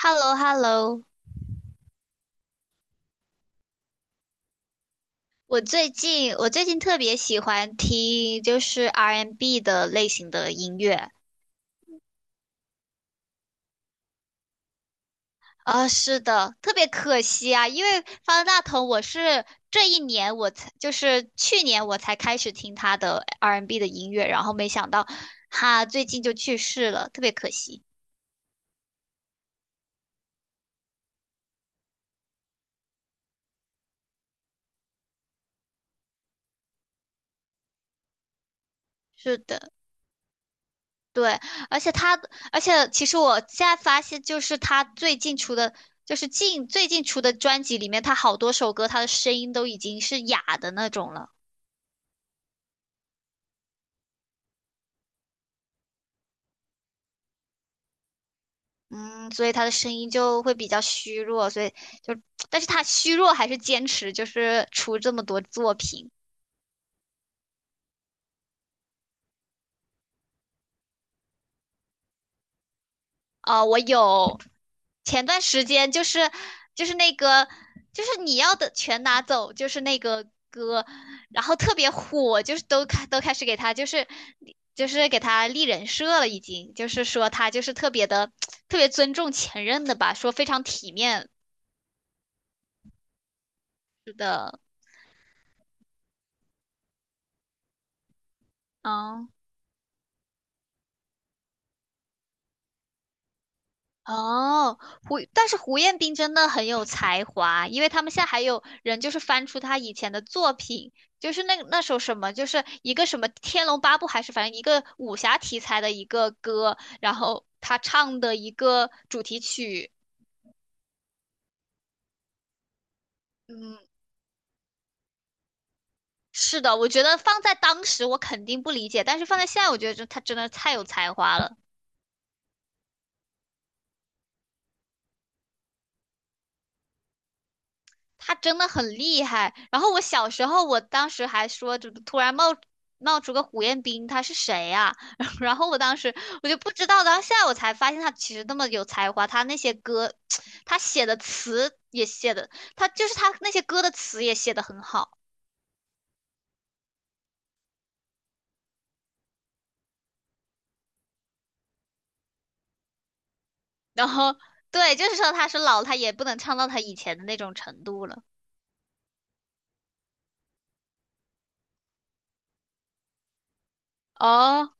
hello hello 我最近特别喜欢听就是 R&B n 的类型的音乐啊，是的，特别可惜啊，因为方大同我是这一年我才就是去年我才开始听他的 R&B n 的音乐，然后没想到他最近就去世了，特别可惜。是的。对，而且他，而且其实我现在发现，就是他最近出的，就是近最近出的专辑里面，他好多首歌，他的声音都已经是哑的那种了。嗯，所以他的声音就会比较虚弱，所以就，但是他虚弱还是坚持，就是出这么多作品。我有前段时间就是那个就是你要的全拿走，就是那个歌，然后特别火，就是都开始给他就是就是给他立人设了，已经就是说他就是特别的 特别尊重前任的吧，说非常体面的，嗯。哦，但是胡彦斌真的很有才华，因为他们现在还有人就是翻出他以前的作品，就是那首什么，就是一个什么《天龙八部》还是反正一个武侠题材的一个歌，然后他唱的一个主题曲，嗯，是的，我觉得放在当时我肯定不理解，但是放在现在，我觉得这他真的太有才华了。他真的很厉害。然后我小时候，我当时还说，就突然冒出个胡彦斌，他是谁呀、啊 然后我当时我就不知道，然后现在我才发现他其实那么有才华，他那些歌，他写的词也写的，他就是他那些歌的词也写的很好。然后对，就是说他是老了他也不能唱到他以前的那种程度了。哦，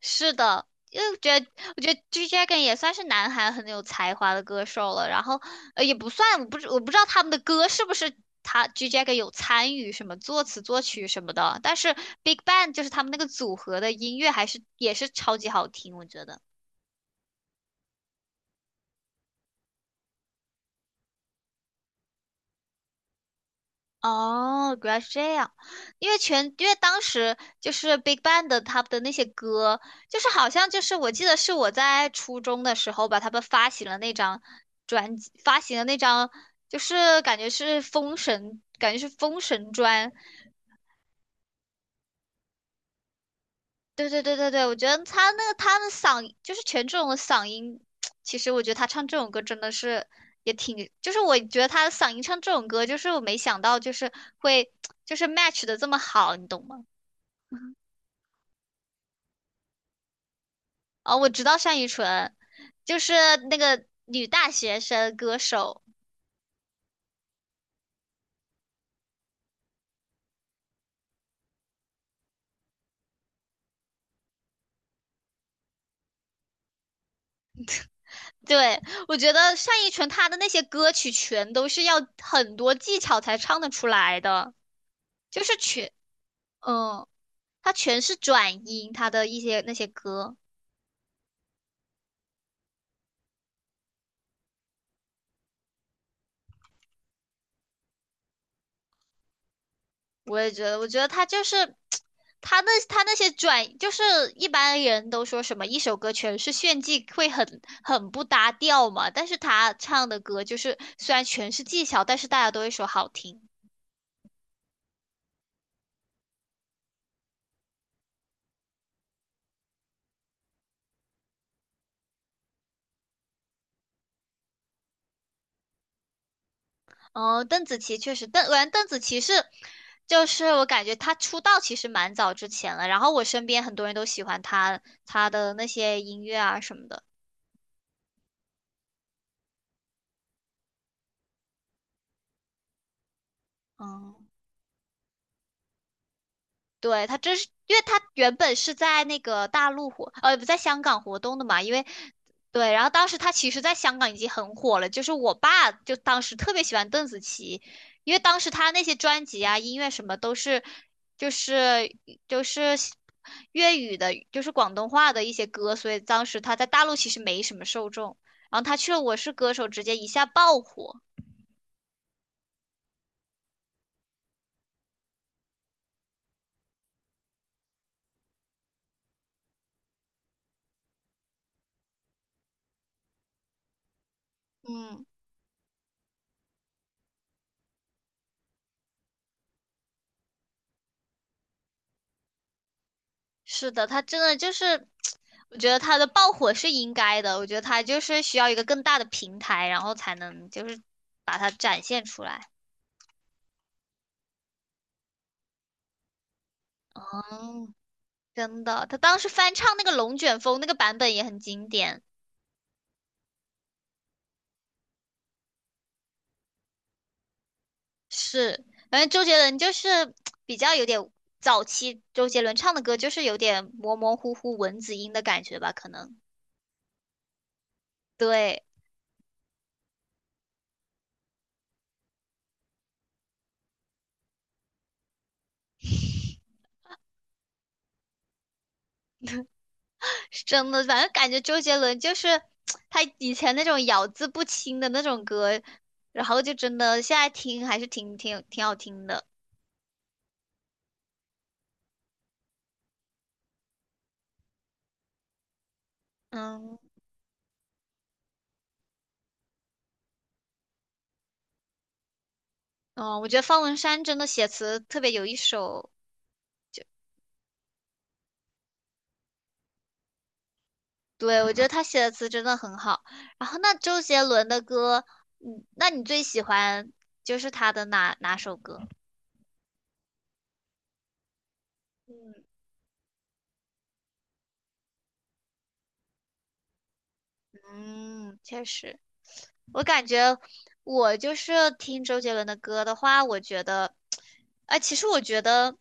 是的，因为我觉得 G Dragon 也算是南韩很有才华的歌手了，然后也不算，我不知道他们的歌是不是他 G Dragon 有参与什么作词作曲什么的，但是 Big Bang 就是他们那个组合的音乐还是也是超级好听，我觉得。哦，原来是这样，因为当时就是 Big Bang 的他们的那些歌，就是好像就是我记得是我在初中的时候吧，他们发行了那张就是感觉是封神专。对对对对对，我觉得他那个他的嗓就是权志龙的嗓音，其实我觉得他唱这种歌真的是就是我觉得他的嗓音唱这种歌，就是我没想到就是会 就是 match 的这么好，你懂吗？哦，我知道单依纯，就是那个女大学生歌手。对，我觉得单依纯她的那些歌曲全都是要很多技巧才唱得出来的，就是全，嗯，她全是转音，她的一些那些歌，我也觉得，我觉得她就是 她那些转，就是一般人都说什么一首歌全是炫技会很不搭调嘛，但是她唱的歌就是虽然全是技巧，但是大家都会说好听。哦，邓紫棋确实，邓，我感觉邓紫棋是，就是我感觉她出道其实蛮早之前了，然后我身边很多人都喜欢她，她的那些音乐啊什么的。嗯。对，他这是，因为他原本是在那个大陆活，不在香港活动的嘛，因为对，然后当时他其实在香港已经很火了，就是我爸就当时特别喜欢邓紫棋，因为当时他那些专辑啊、音乐什么都是，就是就是粤语的，就是广东话的一些歌，所以当时他在大陆其实没什么受众，然后他去了《我是歌手》，直接一下爆火，嗯。是的，他真的就是，我觉得他的爆火是应该的，我觉得他就是需要一个更大的平台，然后才能就是把它展现出来。嗯，真的，他当时翻唱那个《龙卷风》那个版本也很经典。是，反正周杰伦就是 比较有点早期周杰伦唱的歌，就是有点模模糊糊蚊子音的感觉吧，可能。对。是真的，反正感觉周杰伦就是 他以前那种咬字不清的那种歌，然后就真的现在听还是挺好听的。嗯哦，我觉得方文山真的写词特别有一手，对，我觉得他写的词真的很好。然后那周杰伦的歌，嗯，那你最喜欢就是他的哪首歌？嗯嗯，确实，我感觉我就是听周杰伦的歌的话，我觉得，哎，其实我觉得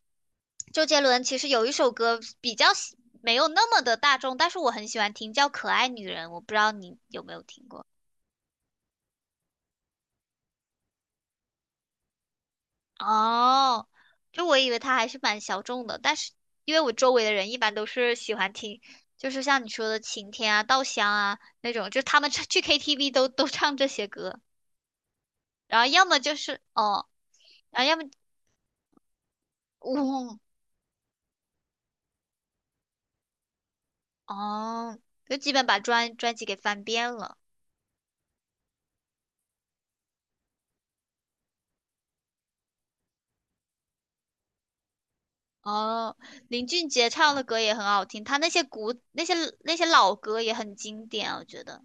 周杰伦其实有一首歌比较喜没有那么的大众，但是我很喜欢听，叫《可爱女人》，我不知道你有没有听过。哦，就我以为他还是蛮小众的，但是因为我周围的人一般都是喜欢听，就是像你说的晴天啊、稻香啊那种，就他们唱去 KTV 都唱这些歌，然后要么就是哦，然后要么哦哦，就基本把专辑给翻遍了。哦，林俊杰唱的歌也很好听，他那些那些老歌也很经典，我觉得。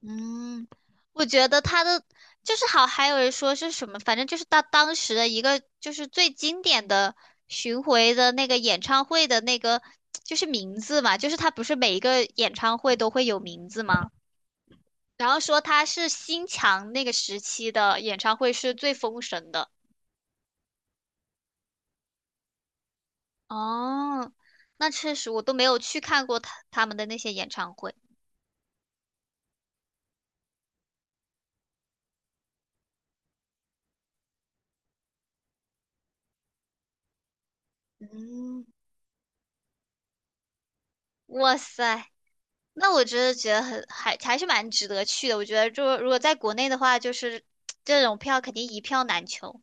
嗯，我觉得他的就是好，还有人说是什么，反正就是他当时的一个就是最经典的巡回的那个演唱会的那个就是名字嘛，就是他不是每一个演唱会都会有名字吗？然后说他是新强那个时期的演唱会是最封神的。哦，那确实我都没有去看过他们的那些演唱会。嗯，哇塞，那我真的觉得还是蛮值得去的。我觉得就如果在国内的话，就是这种票肯定一票难求。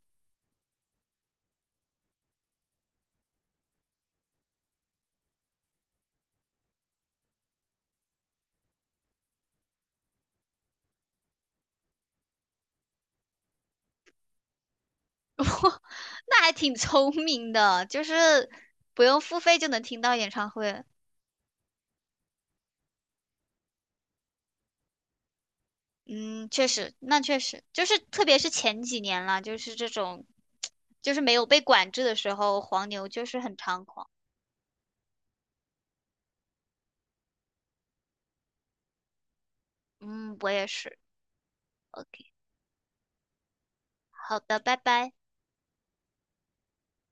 那还挺聪明的，就是不用付费就能听到演唱会。嗯，确实，那确实就是特别是前几年啦，就是这种就是没有被管制的时候，黄牛就是很猖狂。嗯，我也是。OK。好的，拜拜。